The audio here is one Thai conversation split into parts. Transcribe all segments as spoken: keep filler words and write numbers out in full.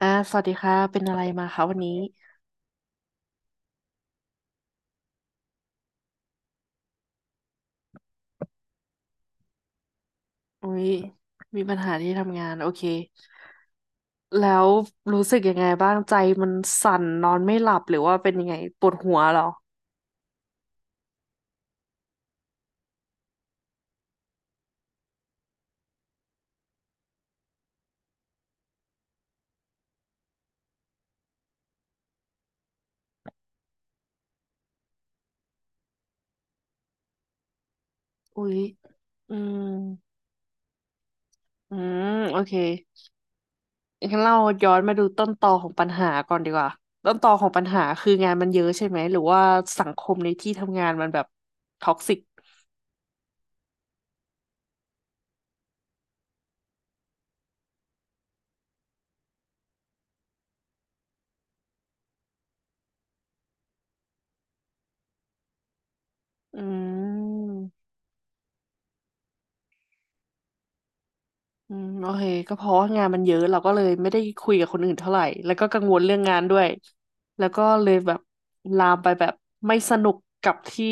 อ่าสวัสดีค่ะเป็นอะไรมาคะวันนี้อุ้ยมีปัญหาที่ทำงานโอเคแล้วรู้สึกยังไงบ้างใจมันสั่นนอนไม่หลับหรือว่าเป็นยังไงปวดหัวเหรออุ้ยอืมอืมโอเคงั้นเราย้อนมาดูต้นตอของปัญหาก่อนดีกว่าต้นตอของปัญหาคืองานมันเยอะใช่ไหมหรือว่าสังคมในที่ทำงานมันแบบท็อกซิกอืม อืมโอเคก็เพราะว่างานมันเยอะเราก็เลยไม่ได้คุยกับคนอื่นเท่าไหร่แล้วก็กังวลเรื่องงานด้วยแล้วก็เลยแบบลามไปแบบไม่สนุกกับที่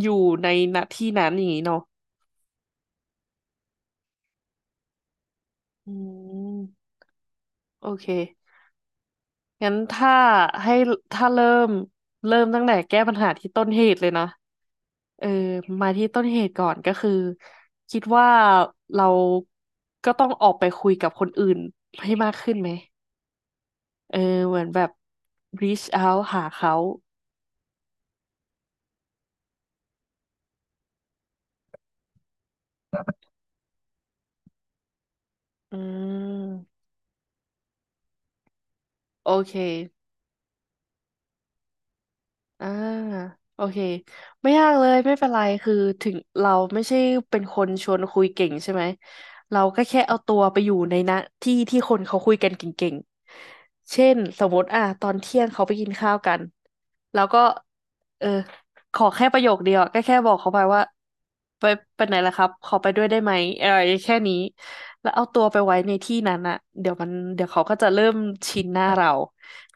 อยู่ในณที่นั้นอย่างนี้เนาะอืมโอเคงั้นถ้าให้ถ้าเริ่มเริ่มตั้งแต่แก้ปัญหาที่ต้นเหตุเลยนะเออมาที่ต้นเหตุก่อนก็คือคิดว่าเราก็ต้องออกไปคุยกับคนอื่นให้มากขึ้นไหม เออเหมือนแบบ reach out หาเขาอืมโอเค อ่าโอเคไม่ยากเลยไม่เป็นไรคือถึงเราไม่ใช่เป็นคนชวนคุยเก่งใช่ไหมเราก็แค่เอาตัวไปอยู่ในนะที่ที่คนเขาคุยกันเก่งๆเช่นสมมติอ่ะตอนเที่ยงเขาไปกินข้าวกันแล้วก็เออขอแค่ประโยคเดียวอะก็แค่บอกเขาไปว่าไปไปไหนล่ะครับขอไปด้วยได้ไหมเออแค่นี้แล้วเอาตัวไปไว้ในที่นั้นอะเดี๋ยวมันเดี๋ยวเขาก็จะเริ่มชินหน้าเรา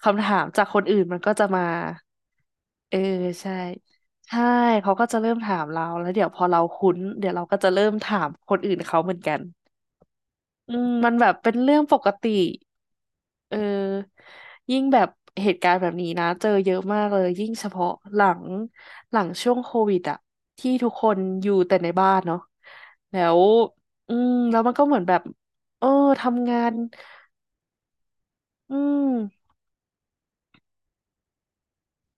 คำถามจากคนอื่นมันก็จะมา เออใช่ใช่เขาก็จะเริ่มถามเราแล้วเดี๋ยวพอเราคุ้นเดี๋ยวเราก็จะเริ่มถามคนอื่นเขาเหมือนกันอืมมันแบบเป็นเรื่องปกติเออยิ่งแบบเหตุการณ์แบบนี้นะเจอเยอะมากเลยยิ่งเฉพาะหลังหลังช่วงโควิดอะที่ทุกคนอยู่แต่ในบ้านเนาะแล้วอืมแล้วมันก็เหมือนแบบเออทำงานอืม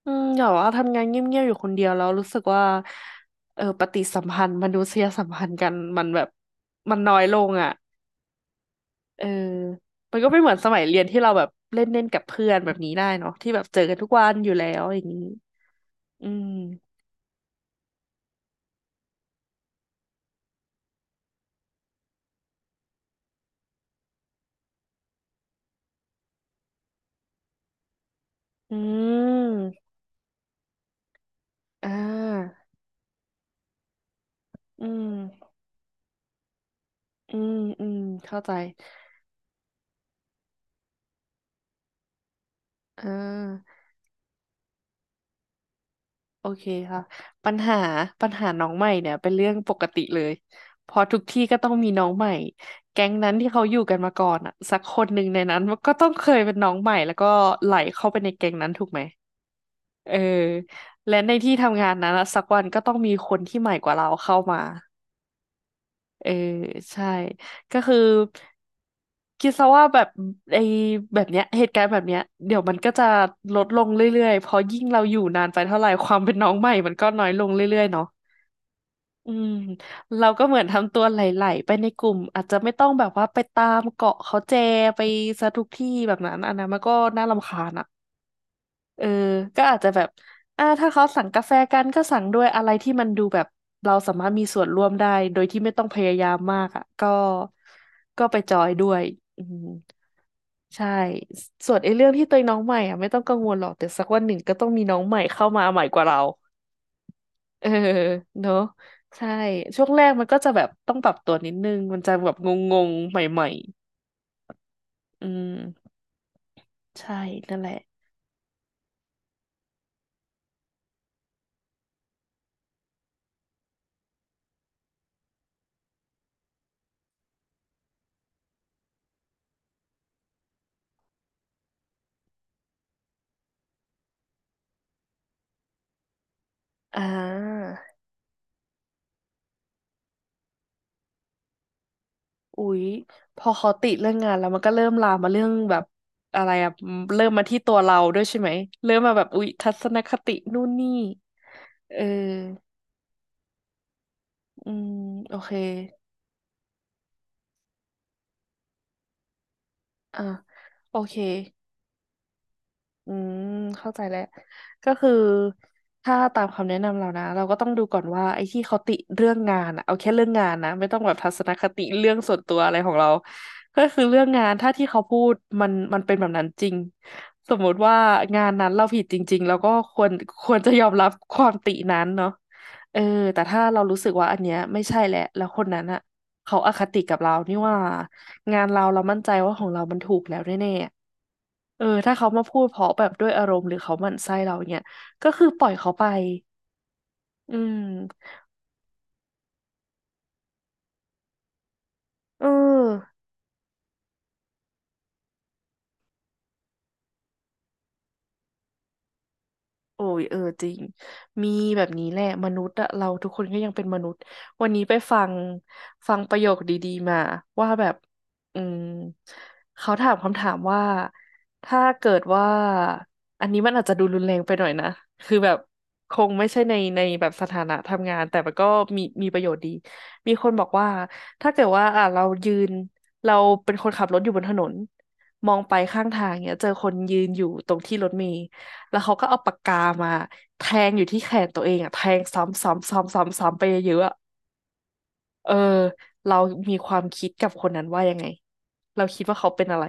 อืมอย่าว่าทำงานเงียบๆอยู่คนเดียวแล้วรู้สึกว่าเออปฏิสัมพันธ์มนุษยสัมพันธ์กันมันแบบมันน้อยลงอ่ะเออมันก็ไม่เหมือนสมัยเรียนที่เราแบบเล่นเล่นกับเพื่อนแบบนี้ได้เนาะที่แบบเจอกันทุกวันอยู่แล้วอย่างนี้อืมอืมอ่าอืมอืมอืมเข้าใจอ่า โอเคค่ะปัญหาปัญหาน้องใหม่เนี่ยเป็นเรื่องปกติเลยพอทุกที่ก็ต้องมีน้องใหม่แก๊งนั้นที่เขาอยู่กันมาก่อนอ่ะสักคนหนึ่งในนั้นมันก็ต้องเคยเป็นน้องใหม่แล้วก็ไหลเข้าไปในแก๊งนั้นถูกไหมเออและในที่ทำงานนั้นอะสักวันก็ต้องมีคนที่ใหม่กว่าเราเข้ามา เออใช่ก็คือคิดซะว่าแบบไอ้แบบเนี้ยเหตุการณ์แบบเนี้ยเดี๋ยวมันก็จะลดลงเรื่อยๆเพราะยิ่งเราอยู่นานไปเท่าไหร่ความเป็นน้องใหม่มันก็น้อยลงเรื่อยๆเนาะอืมเราก็เหมือนทำตัวไหลๆไปในกลุ่มอาจจะไม่ต้องแบบว่าไปตามเกาะเขาแจไปซะทุกที่แบบนั้นอันนั้นมันก็น่ารำคาญอะ เออก็อาจจะแบบอ่าถ้าเขาสั่งกาแฟกันก็สั่งด้วยอะไรที่มันดูแบบเราสามารถมีส่วนร่วมได้ โดยที่ไม่ต้องพยายามมากอ่ะก็ก็ไปจอยด้วยอืมใช่ ส่วนไอ้เรื่องที่ตัวเองน้องใหม่อ่ะไม่ต้องกังวลหรอก แต่สักวันหนึ่งก็ต้องมีน้องใหม่เข้ามาใหม่กว่าเราเออเนอะใช่ ช่วงแรกมันก็จะแบบต้องปรับตัวนิดนึงมันจะแบบงงๆใหม่ๆอืมใช่นั่นแหละอ่า อุ๊ยพอเขาติเรื่องงานแล้วมันก็เริ่มลามมาเรื่องแบบอะไรอะเริ่มมาที่ตัวเราด้วยใช่ไหมเริ่มมาแบบอุ๊ยทัศนคตินู่นนี่เอออืมโอเคอ่ะโอเค อืมเข้าใจแล้วก็คือถ้าตามคำแนะนำเรานะเราก็ต้องดูก่อนว่าไอ้ที่เขาติเรื่องงานอะเอาแค่เรื่องงานนะไม่ต้องแบบทัศนคติเรื่องส่วนตัวอะไรของเราก็คือเรื่องงานถ้าที่เขาพูดมันมันเป็นแบบนั้นจริงสมมุติว่างานนั้นเราผิดจริงๆแล้วก็ควรควรจะยอมรับความตินั้นเนาะเออแต่ถ้าเรารู้สึกว่าอันเนี้ยไม่ใช่แหละแล้วคนนั้นอะ เขาอคติกับเรานี่ว่างานเราเรามั่นใจว่าของเรามันถูกแล้วแน่ๆเออถ้าเขามาพูดเพราะแบบด้วยอารมณ์หรือเขาหมั่นไส้เราเนี่ย ก็คือปล่อยเขาไป อืมเออ โอ้ยเออจริงมีแบบนี้แหละมนุษย์อะเราทุกคนก็ยังเป็นมนุษย์วันนี้ไปฟังฟังประโยคดีๆมาว่าแบบอืมเขาถามคำถามว่าถ้าเกิดว่าอันนี้มันอาจจะดูรุนแรงไปหน่อยนะคือแบบคงไม่ใช่ในในแบบสถานะทำงานแต่มันก็มีมีประโยชน์ดีมีคนบอกว่าถ้าเกิดว่าอ่ะเรายืนเราเป็นคนขับรถอยู่บนถนนมองไปข้างทางเนี่ยเจอคนยืนอยู่ตรงที่รถเมล์ แล้วเขาก็เอาปากกามาแทงอยู่ที่แขนตัวเองอะแทงซ้ำซ้ำซ้ำซ้ำซ้ำไปเยอะๆอะเออ เรามีความคิดกับคนนั้นว่ายังไง เราคิดว่าเขาเป็นอะไร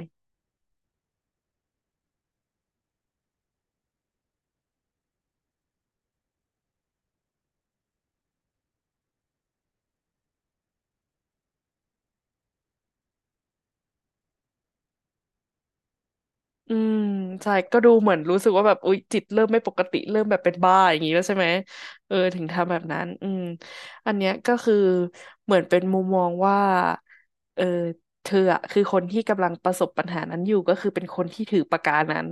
อืมใช่ก็ดูเหมือนรู้สึกว่าแบบอุ๊ยจิตเริ่มไม่ปกติเริ่มแบบเป็นบ้าอย่างนี้แล้วใช่ไหมเออถึงทำแบบนั้นอืมอันเนี้ยก็คือเหมือนเป็นมุมมองว่าเออเธออะคือคนที่กำลังประสบปัญหานั้นอยู่ก็คือเป็นคนที่ถือปากกานั้น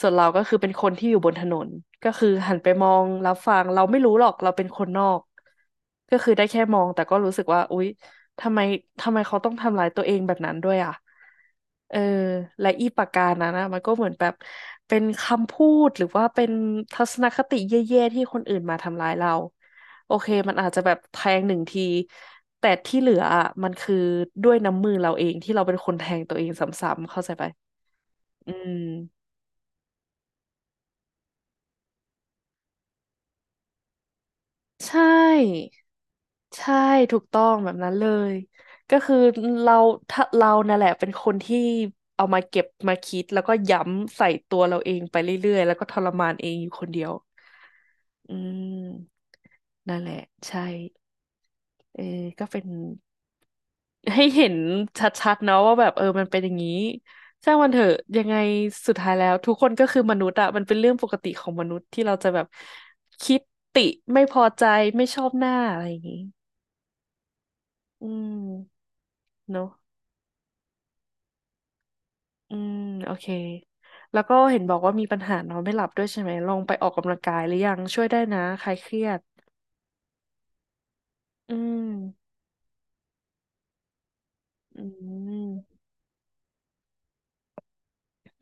ส่วนเราก็คือเป็นคนที่อยู่บนถนนก็คือหันไปมองรับฟังเราไม่รู้หรอกเราเป็นคนนอกก็คือได้แค่มองแต่ก็รู้สึกว่าอุ๊ย ทำไมทำไมเขาต้องทำร้ายตัวเองแบบนั้นด้วยอ่ะ เออ และอีปากกานั้นนะมันก็เหมือนแบบเป็นคำพูดหรือว่าเป็นทัศนคติแย่ๆที่คนอื่นมาทำร้ายเราโอเคมันอาจจะแบบแทงหนึ่งทีแต่ที่เหลืออะมันคือด้วยน้ำมือเราเองที่เราเป็นคนแทงตัวเองซ้ำๆเข้าใจไปอืม ใช่ใช่ถูกต้องแบบนั้นเลยก็คือเราถ้าเรานั่นแหละเป็นคนที่เอามาเก็บมาคิดแล้วก็ย้ำใส่ตัวเราเองไปเรื่อยๆแล้วก็ทรมานเองอยู่คนเดียวอืมนั่นแหละใช่เออก็เป็นให้เห็นชัดๆเนาะว่าแบบเออมันเป็นอย่างนี้ช่างมันเถอะยังไงสุดท้ายแล้วทุกคนก็คือมนุษย์อะมันเป็นเรื่องปกติของมนุษย์ที่เราจะแบบคิดติไม่พอใจไม่ชอบหน้าอะไรอย่างนี้ อืมเนอะอืมโอเค แล้วก็เห็นบอกว่ามีปัญหานอนไม่หลับด้วยใช่ไหมลองไปออกกำลังกายหรือยังช่วยได้นะคลายเครียด อืม อืม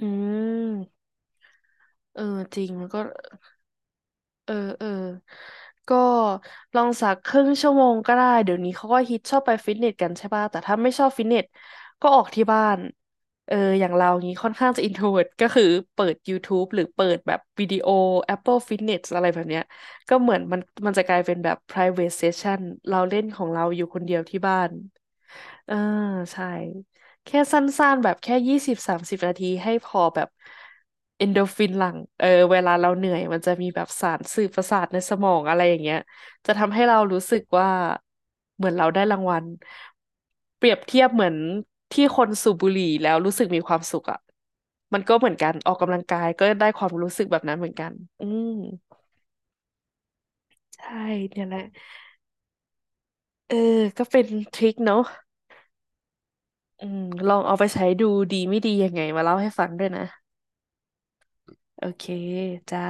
อืมเออจริงมันก็ เออเออก็ลองสักครึ่งชั่วโมงก็ได้เดี๋ยวนี้เขาก็ฮิตชอบไปฟิตเนสกันใช่ป่ะแต่ถ้าไม่ชอบฟิตเนสก็ออกที่บ้านเอออย่างเรางี้ค่อนข้างจะอินโทรเวิร์ตก็คือเปิด ยูทูบ หรือเปิดแบบวิดีโอ แอปเปิ้ล ฟิตเนส อะไรแบบเนี้ยก็เหมือนมันมันจะกลายเป็นแบบ ไพรเวท เซสชัน เวทเซสชั่นเราเล่นของเราอยู่คนเดียวที่บ้าน เออใช่แค่สั้นๆแบบแค่ยี่สิบถึงสามสิบนาทีให้พอแบบเอนโดฟินหลั่งเออเวลาเราเหนื่อยมันจะมีแบบสารสื่อประสาทในสมองอะไรอย่างเงี้ยจะทำให้เรารู้สึกว่าเหมือนเราได้รางวัลเปรียบเทียบเหมือนที่คนสูบบุหรี่แล้วรู้สึกมีความสุขอ่ะมันก็เหมือนกันออกกำลังกายก็ได้ความรู้สึกแบบนั้นเหมือนกันอืมใช่เนี่ยแหละเออก็เป็นทริคเนาะ อืมลองเอาไปใช้ดูดีไม่ดียังไงมาเล่าให้ฟังด้วยนะโอเคจ้า